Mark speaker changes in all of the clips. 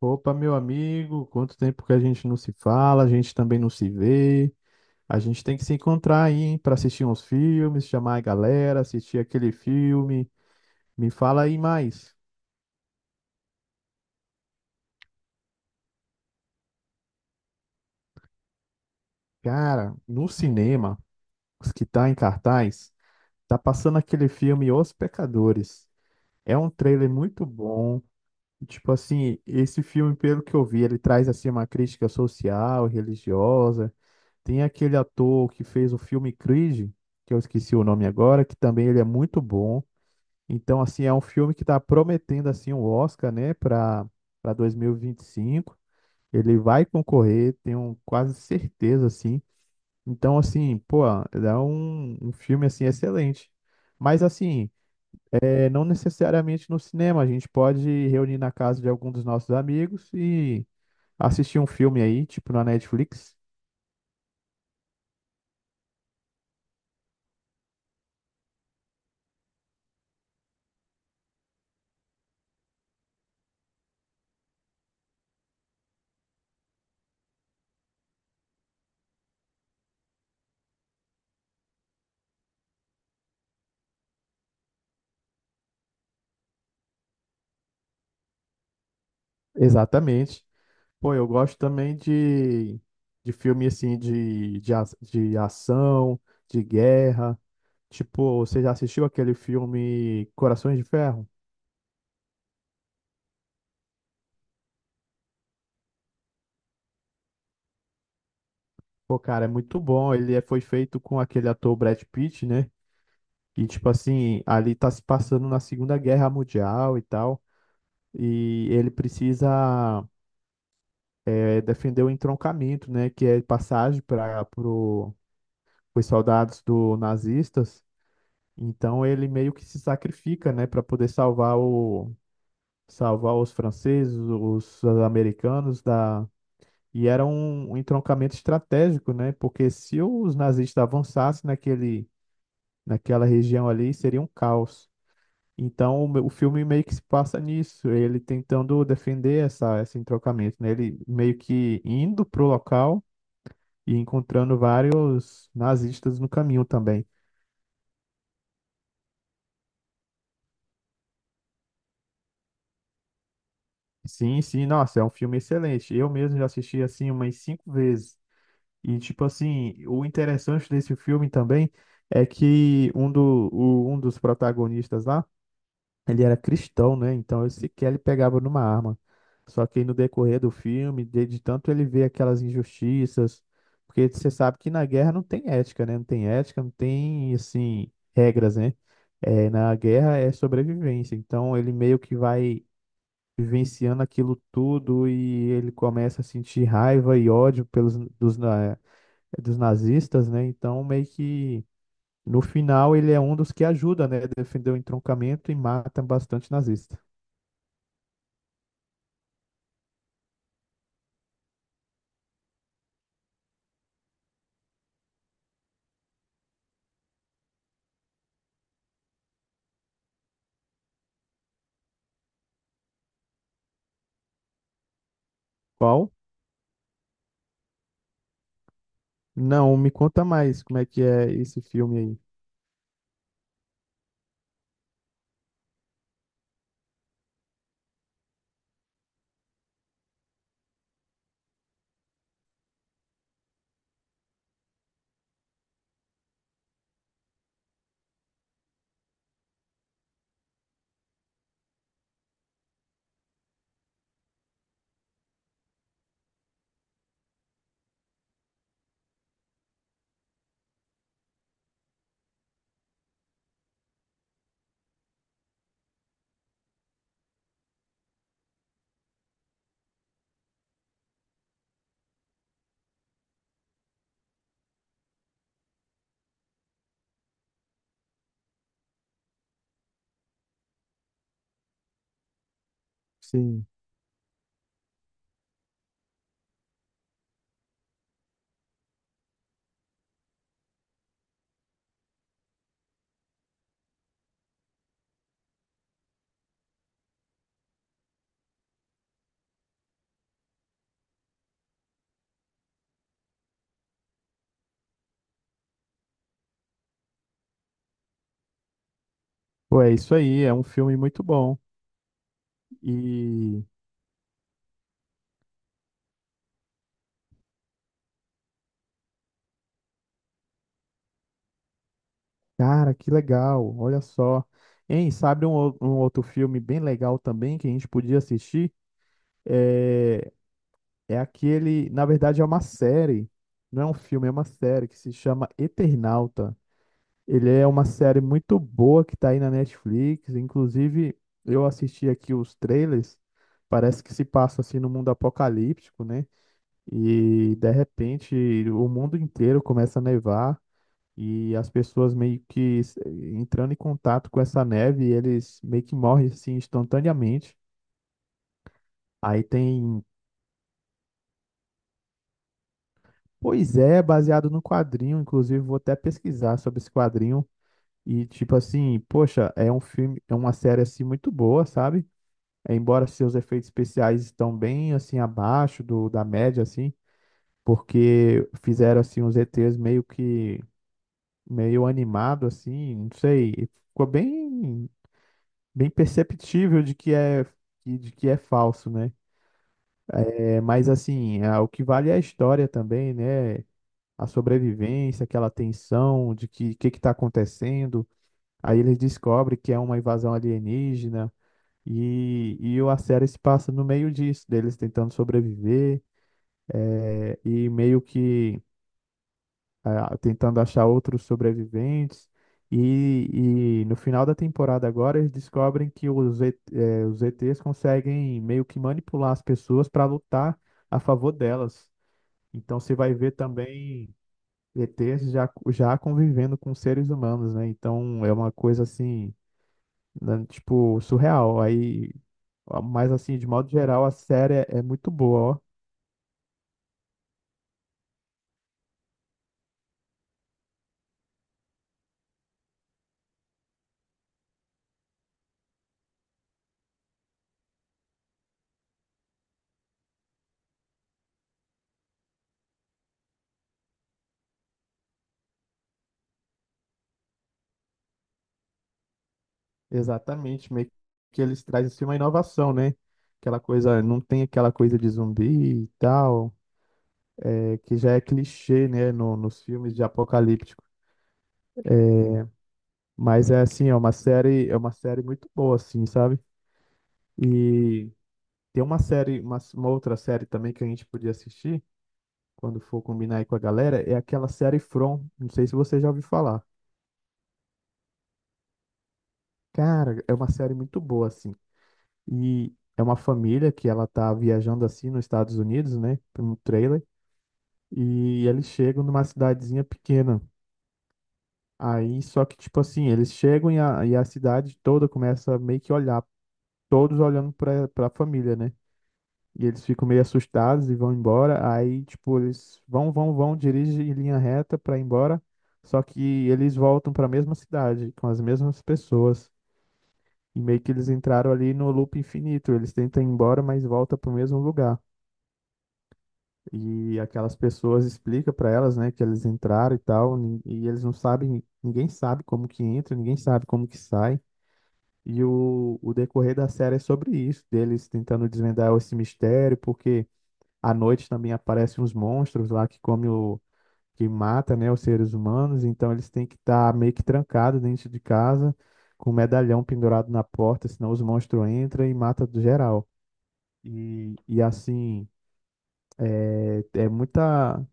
Speaker 1: Opa, meu amigo, quanto tempo que a gente não se fala, a gente também não se vê. A gente tem que se encontrar aí, hein, para assistir uns filmes, chamar a galera, assistir aquele filme. Me fala aí mais. Cara, no cinema, os que tá em cartaz, tá passando aquele filme Os Pecadores. É um trailer muito bom. Tipo assim, esse filme, pelo que eu vi, ele traz assim uma crítica social, religiosa. Tem aquele ator que fez o filme Creed, que eu esqueci o nome agora, que também ele é muito bom. Então, assim, é um filme que está prometendo assim um Oscar, né, para 2025. Ele vai concorrer, tenho quase certeza, assim. Então, assim, pô, é um filme assim excelente. Mas assim, é, não necessariamente no cinema, a gente pode reunir na casa de algum dos nossos amigos e assistir um filme aí, tipo na Netflix. Exatamente. Pô, eu gosto também de filme assim de ação, de guerra. Tipo, você já assistiu aquele filme Corações de Ferro? Pô, cara, é muito bom. Ele foi feito com aquele ator Brad Pitt, né? E tipo assim, ali tá se passando na Segunda Guerra Mundial e tal. E ele precisa é, defender o entroncamento, né? Que é passagem para os soldados do nazistas. Então ele meio que se sacrifica, né, para poder salvar os franceses, os americanos da e era um entroncamento estratégico, né? Porque se os nazistas avançassem naquele naquela região ali, seria um caos. Então o filme meio que se passa nisso, ele tentando defender essa esse entroncamento, né? Ele meio que indo pro local e encontrando vários nazistas no caminho também. Sim, sim, nossa, é um filme excelente. Eu mesmo já assisti assim umas cinco vezes. E tipo assim, o interessante desse filme também é que um dos protagonistas lá, ele era cristão, né? Então ele sequer ele pegava numa arma. Só que aí no decorrer do filme, de tanto ele vê aquelas injustiças, porque você sabe que na guerra não tem ética, né? Não tem ética, não tem assim regras, né? É, na guerra é sobrevivência. Então ele meio que vai vivenciando aquilo tudo e ele começa a sentir raiva e ódio dos nazistas, né? Então, meio que no final ele é um dos que ajuda, né? Defender o entroncamento e mata bastante nazista. Qual? Não, me conta mais como é que é esse filme aí. Sim. Pô, é isso aí, é um filme muito bom. E, cara, que legal, olha só. Hein, sabe um outro filme bem legal também que a gente podia assistir? É, É aquele, na verdade, é uma série, não é um filme, é uma série que se chama Eternauta. Ele é uma série muito boa que tá aí na Netflix. Inclusive, eu assisti aqui os trailers. Parece que se passa assim no mundo apocalíptico, né? E de repente o mundo inteiro começa a nevar e as pessoas meio que entrando em contato com essa neve, eles meio que morrem assim instantaneamente. Aí tem Pois é, baseado no quadrinho, inclusive vou até pesquisar sobre esse quadrinho e tipo assim, poxa, é um filme, é uma série assim muito boa, sabe? É, embora seus efeitos especiais estão bem assim abaixo do da média assim, porque fizeram assim os ETs meio que meio animado assim, não sei, e ficou bem perceptível de que é falso, né? É, mas assim, o que vale é a história também, né? A sobrevivência, aquela tensão de que está acontecendo. Aí eles descobrem que é uma invasão alienígena e a série se passa no meio disso, deles tentando sobreviver e meio que tentando achar outros sobreviventes. E, e no final da temporada agora eles descobrem que os ETs conseguem meio que manipular as pessoas para lutar a favor delas. Então você vai ver também ETs já convivendo com seres humanos, né? Então é uma coisa assim, né, tipo, surreal. Aí, ó, mas assim, de modo geral, a série é muito boa, ó. Exatamente, meio que eles trazem assim, uma inovação, né? Aquela coisa, não tem aquela coisa de zumbi e tal, que já é clichê, né, no, nos filmes de apocalíptico. Mas é assim, é uma série muito boa, assim, sabe? E tem uma série, uma outra série também que a gente podia assistir quando for combinar aí com a galera, é aquela série From. Não sei se você já ouviu falar. Cara, é uma série muito boa, assim. E é uma família que ela tá viajando assim nos Estados Unidos, né? Um trailer. E eles chegam numa cidadezinha pequena. Aí, só que, tipo assim, eles chegam e a cidade toda começa a meio que olhar, todos olhando pra família, né? E eles ficam meio assustados e vão embora. Aí, tipo, eles dirigem em linha reta pra ir embora. Só que eles voltam pra mesma cidade, com as mesmas pessoas. E meio que eles entraram ali no loop infinito. Eles tentam ir embora, mas volta pro mesmo lugar. E aquelas pessoas explicam pra elas, né, que eles entraram e tal. E eles não sabem, ninguém sabe como que entra, ninguém sabe como que sai. E o decorrer da série é sobre isso, deles tentando desvendar esse mistério, porque. À noite também aparecem uns monstros lá que come o que mata, né, os seres humanos, então eles têm que estar meio que trancados dentro de casa, com um medalhão pendurado na porta, senão os monstros entram e matam do geral. E assim, é muita.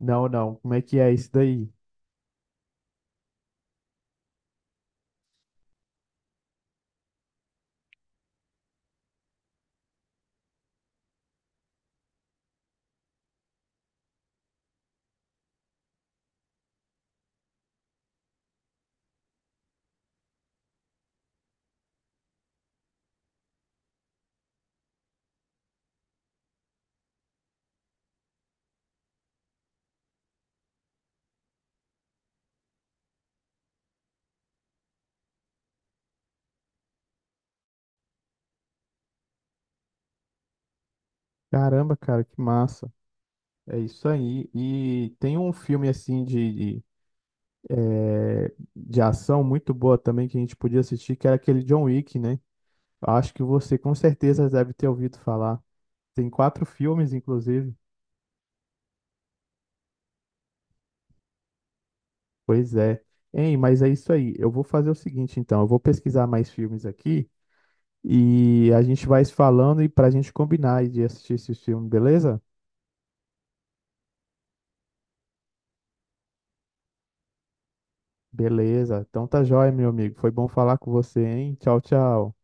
Speaker 1: Não, não, como é que é isso daí? Caramba, cara, que massa. É isso aí. E tem um filme assim de ação muito boa também que a gente podia assistir, que era aquele John Wick, né? Acho que você com certeza deve ter ouvido falar. Tem quatro filmes, inclusive. Pois é. Hein, mas é isso aí. Eu vou fazer o seguinte, então. Eu vou pesquisar mais filmes aqui e a gente vai se falando e pra gente combinar de assistir esse filme, beleza? Beleza. Então tá jóia, meu amigo. Foi bom falar com você, hein? Tchau, tchau.